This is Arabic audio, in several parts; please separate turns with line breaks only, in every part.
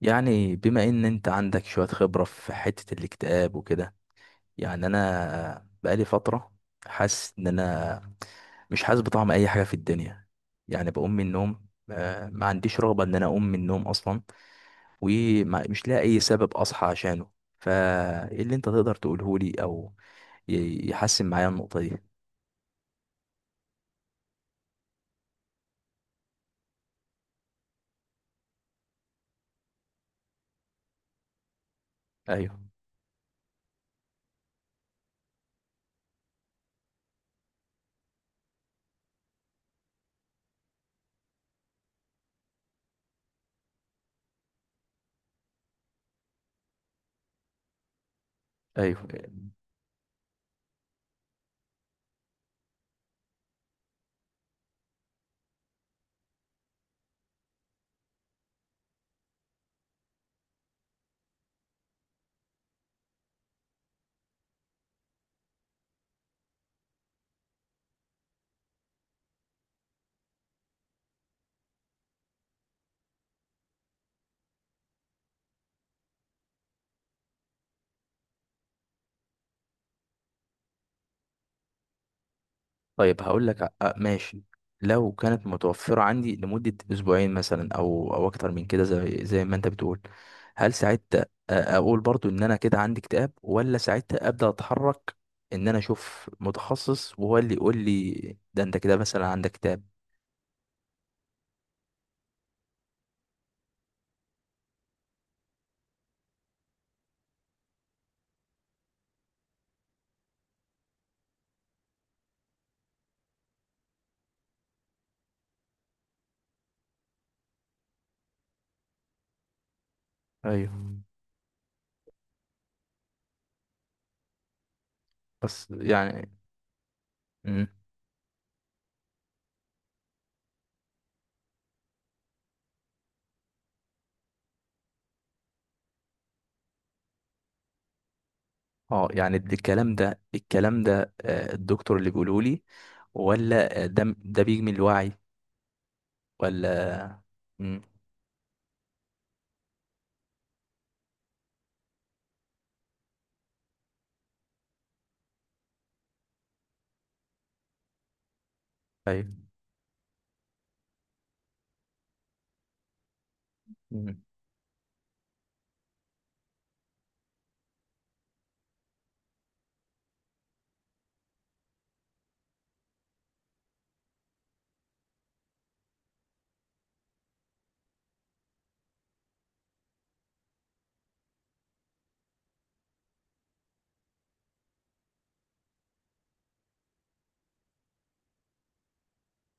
يعني بما ان انت عندك شوية خبرة في حتة الاكتئاب وكده. يعني انا بقالي فترة حاسس ان انا مش حاسس بطعم اي حاجة في الدنيا. يعني بقوم من النوم، ما عنديش رغبة ان انا اقوم من النوم اصلا، ومش لاقي اي سبب اصحى عشانه. فايه اللي انت تقدر تقوله لي او يحسن معايا النقطة دي؟ ايوه. ايوه. طيب هقول لك، ماشي. لو كانت متوفرة عندي لمدة أسبوعين مثلا أو أكتر من كده، زي ما أنت بتقول، هل ساعتها، أقول برضو إن أنا كده عندي اكتئاب، ولا ساعتها أبدأ أتحرك إن أنا أشوف متخصص وهو اللي يقول لي ده أنت كده مثلا عندك اكتئاب؟ أيوه. بس يعني. مم. اه، يعني الكلام ده، الدكتور اللي بيقوله لي، ولا ده بيجي من الوعي، ولا؟ مم. ايوه.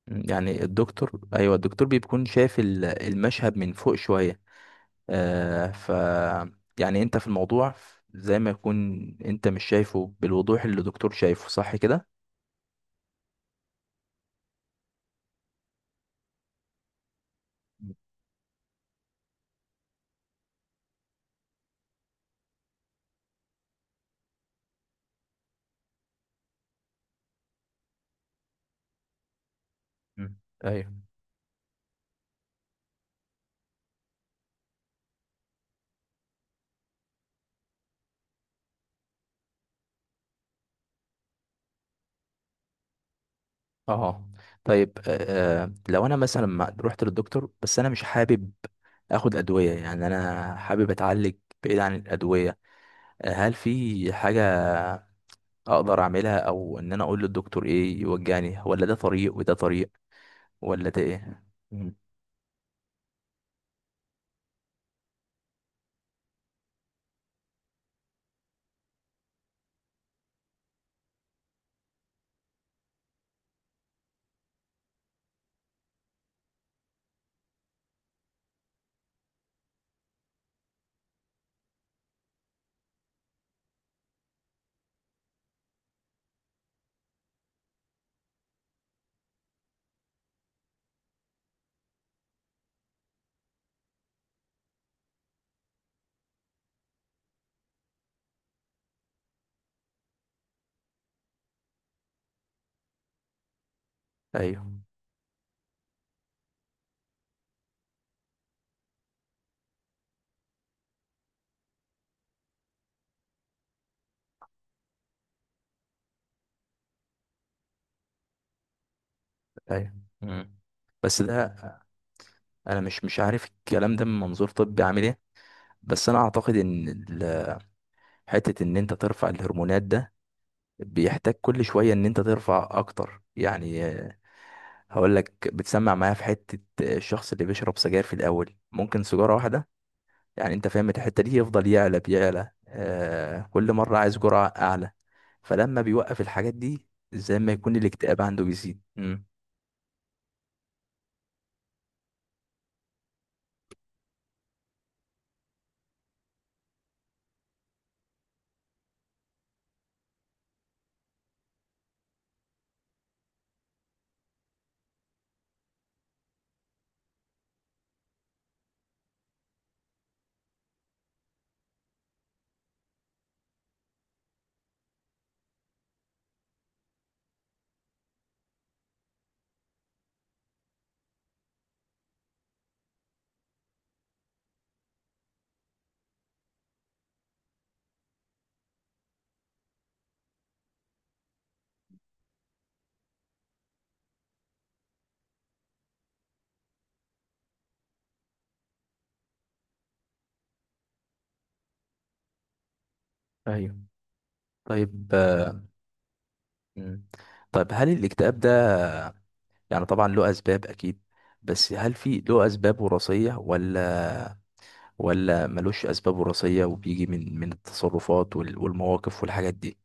يعني الدكتور، ايوه، الدكتور بيكون شايف المشهد من فوق شويه. آه ف يعني انت في الموضوع زي ما يكون انت مش شايفه بالوضوح اللي الدكتور شايفه، صح كده؟ مم. ايوه. اه. طيب، لو انا مثلا ما رحت للدكتور، بس انا مش حابب اخد ادويه، يعني انا حابب اتعالج بعيد عن الادويه. هل في حاجه اقدر اعملها، او ان انا اقول للدكتور ايه يوجهني، ولا ده طريق وده طريق، ولا ده ايه؟ ايوه. ايوه. مم. بس ده، انا مش عارف الكلام ده من منظور طبي عامل ايه، بس انا اعتقد ان حته ان انت ترفع الهرمونات ده بيحتاج كل شويه ان انت ترفع اكتر، يعني هقول لك، بتسمع معايا في حته. الشخص اللي بيشرب سجاير في الاول ممكن سيجاره واحده، يعني انت فاهم الحته دي، يفضل يعلى بيعلى كل مره عايز جرعه اعلى، فلما بيوقف الحاجات دي زي ما يكون الاكتئاب عنده بيزيد. مم. ايوه. طيب. مم. طيب هل الاكتئاب ده، يعني طبعا له اسباب اكيد، بس هل في له اسباب وراثيه، ولا ولا ملوش اسباب وراثيه وبيجي من التصرفات والمواقف والحاجات دي؟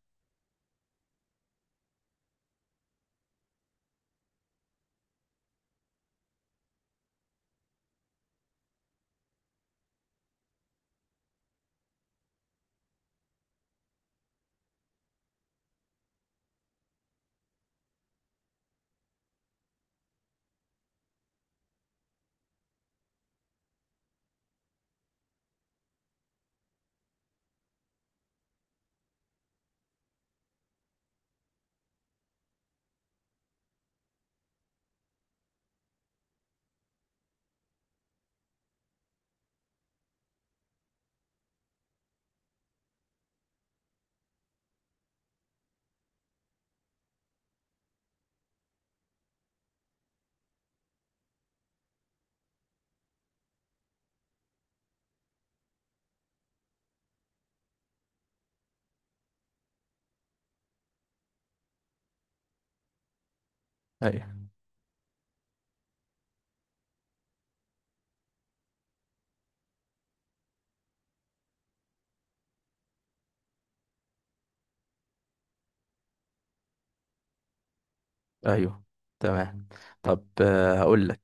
ايوه. تمام. طب، هقول لك،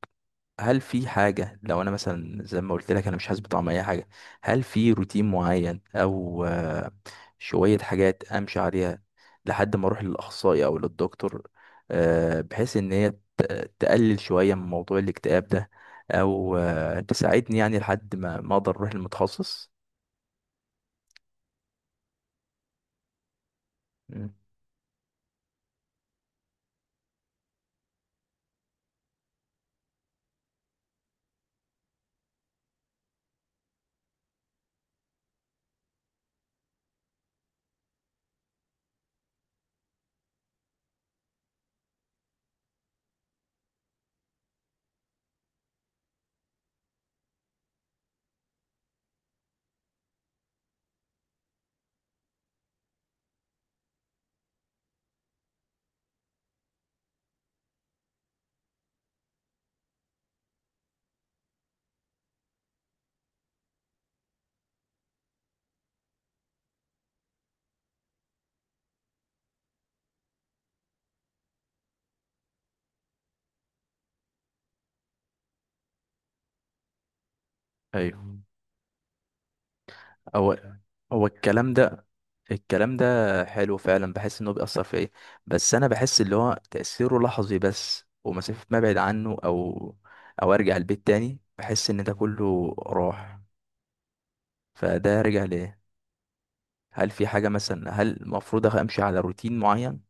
هل في حاجة لو انا مثلا زي ما قلت لك انا مش حاسس بطعم اي حاجة، هل في روتين معين او شوية حاجات امشي عليها لحد ما اروح للاخصائي او للدكتور، بحيث ان هي تقلل شوية من موضوع الاكتئاب ده، او تساعدني يعني لحد ما اقدر اروح للمتخصص. مم. ايوه. هو هو الكلام ده حلو فعلا، بحس انه بيأثر فيا، بس انا بحس اللي هو تأثيره لحظي بس، ومسافة ما ابعد عنه او ارجع البيت تاني بحس ان ده كله راح، فده رجع ليه. هل في حاجة مثلا، هل المفروض امشي على روتين معين؟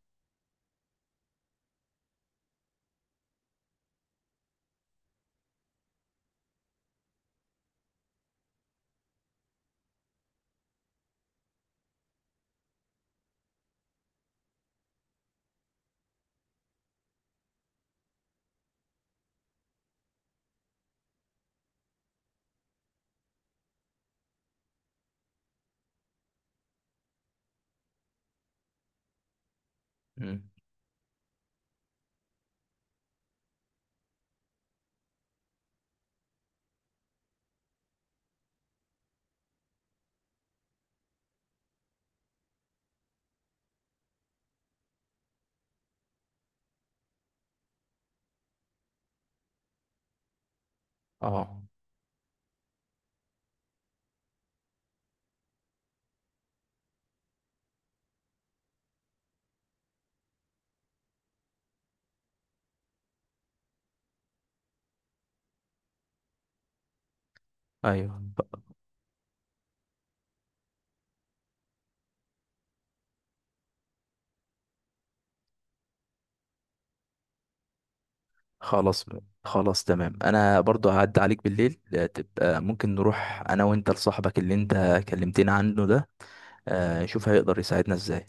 مم. اه. ايوه. خلاص. خلاص تمام، انا برضو هعدي عليك بالليل، تبقى ممكن نروح انا وانت لصاحبك اللي انت كلمتنا عنه ده، نشوف هيقدر يساعدنا ازاي.